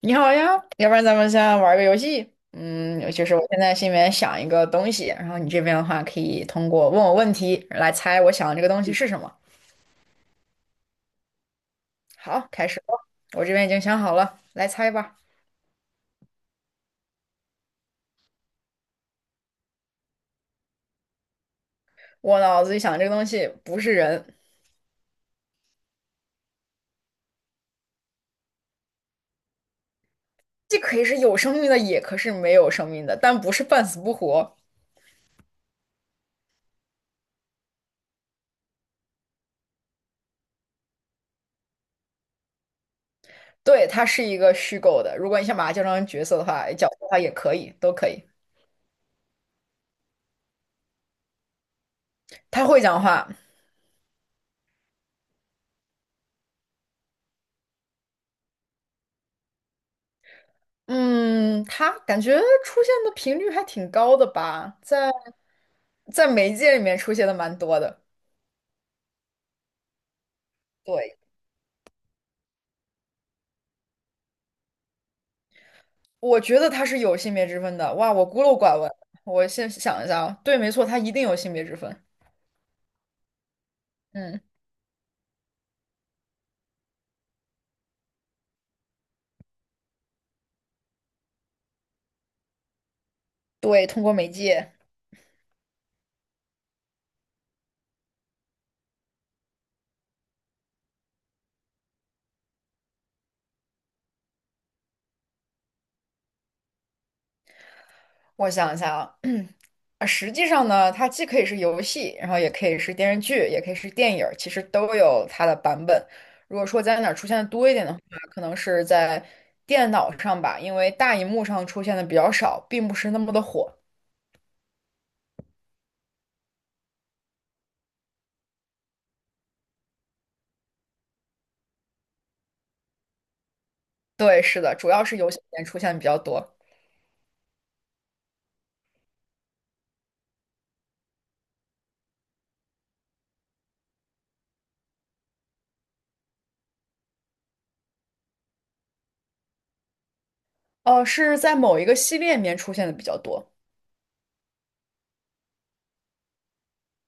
你好呀，要不然咱们先玩个游戏。嗯，就是我现在心里面想一个东西，然后你这边的话可以通过问我问题来猜我想的这个东西是什么。好，开始吧。我这边已经想好了，来猜吧。我脑子里想这个东西不是人，既可以是有生命的，也可是没有生命的，但不是半死不活。对，它是一个虚构的。如果你想把它叫成角色的话，哎角色的话也可以，都可以。它会讲话，嗯，它感觉出现的频率还挺高的吧，在媒介里面出现的蛮多的。对，我觉得它是有性别之分的。哇，我孤陋寡闻。我先想一下啊，对，没错，它一定有性别之分。嗯，对，通过媒介，我想一下啊，啊，实际上呢，它既可以是游戏，然后也可以是电视剧，也可以是电影儿，其实都有它的版本。如果说在哪儿出现的多一点的话，可能是在电脑上吧，因为大荧幕上出现的比较少，并不是那么的火。对，是的，主要是游戏里面出现的比较多。哦，是在某一个系列里面出现的比较多。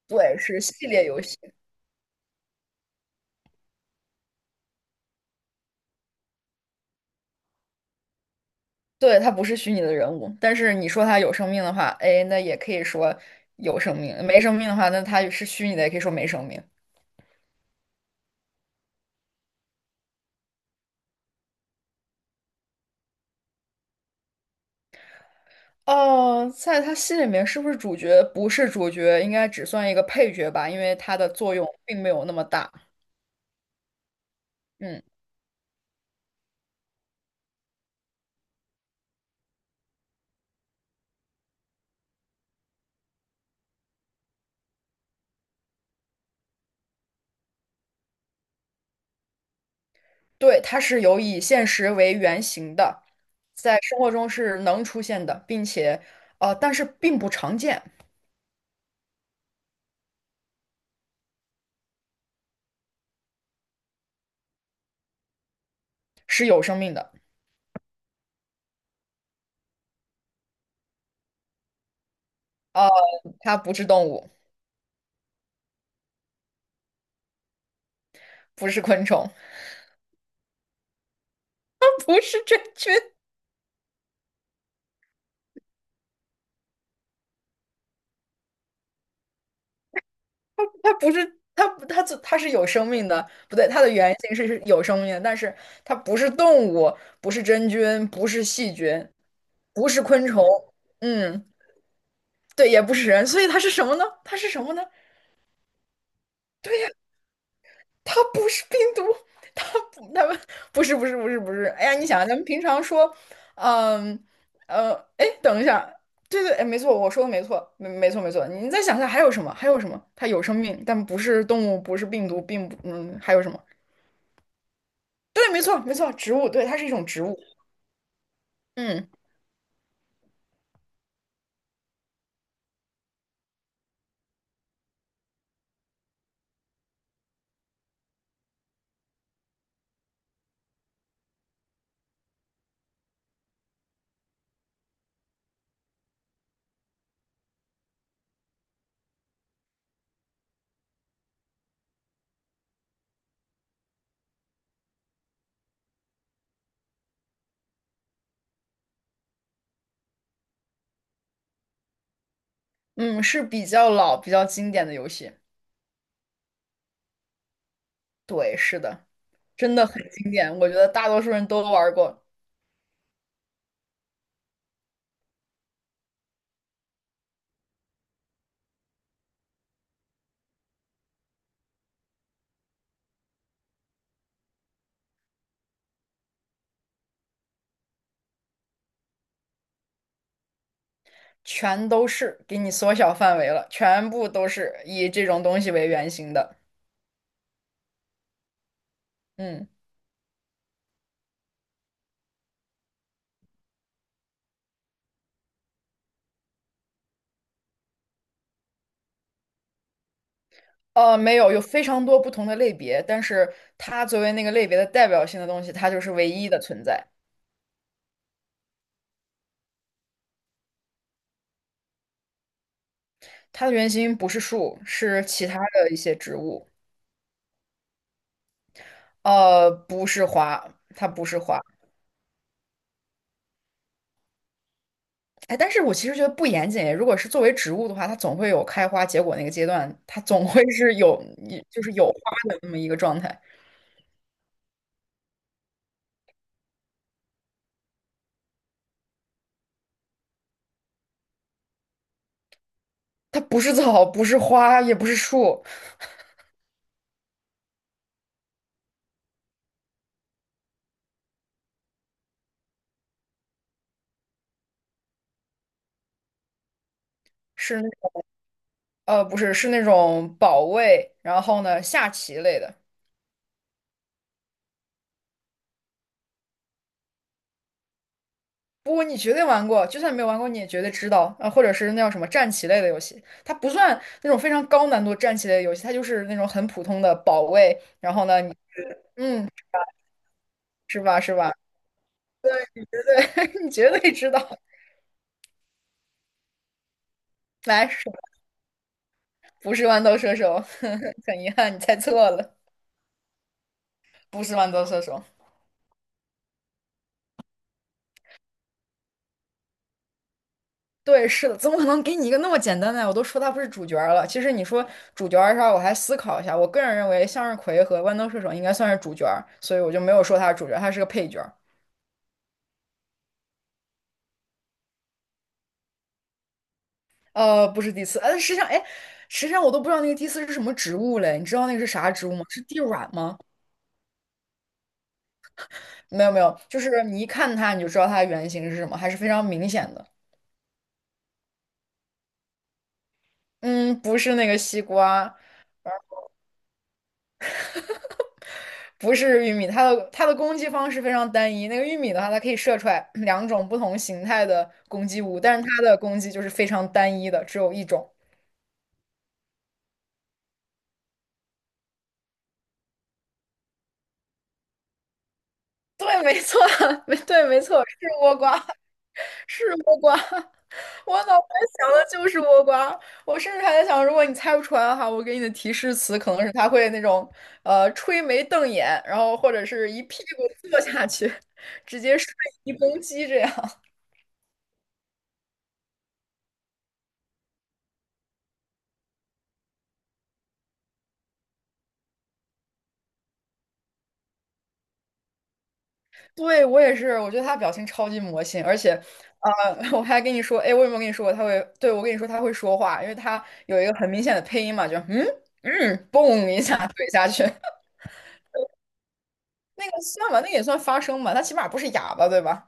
对，是系列游戏。对，它不是虚拟的人物，但是你说它有生命的话，哎，那也可以说有生命；没生命的话，那它是虚拟的，也可以说没生命。哦，在它戏里面是不是主角？不是主角，应该只算一个配角吧，因为它的作用并没有那么大。嗯，对，它是有以现实为原型的，在生活中是能出现的，并且但是并不常见，是有生命的。哦，它不是动物，不是昆虫，不是真菌，它不是它它它是有生命的，不对，它的原型是有生命的，但是它不是动物，不是真菌，不是细菌，不是昆虫，嗯，对，也不是人，所以它是什么呢？它是什么呢？它不是病毒，它它们不是不是不是不是。哎呀，你想啊咱们平常说，嗯哎，等一下，对对，哎，没错，我说的没错，没错没错。你再想想还有什么？还有什么？它有生命，但不是动物，不是病毒，并不，嗯，还有什么？对，没错没错，植物，对，它是一种植物。嗯嗯，是比较老、比较经典的游戏。对，是的，真的很经典，我觉得大多数人都玩过。全都是，给你缩小范围了，全部都是以这种东西为原型的。嗯，没有，有非常多不同的类别，但是它作为那个类别的代表性的东西，它就是唯一的存在。它的原型不是树，是其他的一些植物。不是花，它不是花。哎，但是我其实觉得不严谨。如果是作为植物的话，它总会有开花结果那个阶段，它总会是有，就是有花的那么一个状态。它不是草，不是花，也不是树。是。不是，是那种保卫，然后呢，下棋类的。不过你绝对玩过，就算没有玩过，你也绝对知道。或者是那叫什么战棋类的游戏，它不算那种非常高难度战棋类的游戏，它就是那种很普通的保卫。然后呢，你嗯，是吧？是吧？对，你绝对知道。来，是不是豌豆射手？很遗憾，你猜错了，不是豌豆射手。对，是的，怎么可能给你一个那么简单的呀我都说他不是主角儿了。其实你说主角儿上，我还思考一下。我个人认为，向日葵和豌豆射手应该算是主角儿所以我就没有说他是主角儿，他是个配角儿不是第四，实际上，哎，实际上我都不知道那个第四是什么植物嘞。你知道那个是啥植物吗？是地软吗？没有没有，就是你一看它你就知道它的原型是什么，还是非常明显的。嗯，不是那个西瓜，不是玉米，它的攻击方式非常单一。那个玉米的话，它可以射出来两种不同形态的攻击物，但是它的攻击就是非常单一的，只有一种。对，没错，没错，是倭瓜，是倭瓜。我脑袋想的就是倭瓜，我甚至还在想，如果你猜不出来的话，我给你的提示词可能是它会那种吹眉瞪眼，然后或者是一屁股坐下去，直接瞬移攻击这样。对，我也是，我觉得他表情超级魔性，而且，我还跟你说，哎，我有没有跟你说过他会？对，我跟你说他会说话，因为他有一个很明显的配音嘛，就嘣一下怼下去，那个算吧，那个也算发声吧，他起码不是哑巴，对吧？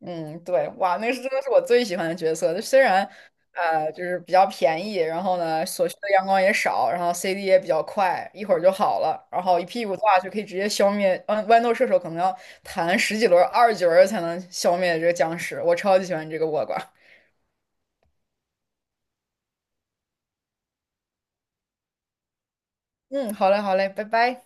嗯，对，哇，那是真的是我最喜欢的角色。就虽然就是比较便宜，然后呢，所需的阳光也少，然后 CD 也比较快，一会儿就好了，然后一屁股坐下去可以直接消灭。豌豆射手可能要弹十几轮、二十几轮才能消灭这个僵尸。我超级喜欢这个倭瓜。嗯，好嘞，好嘞，拜拜。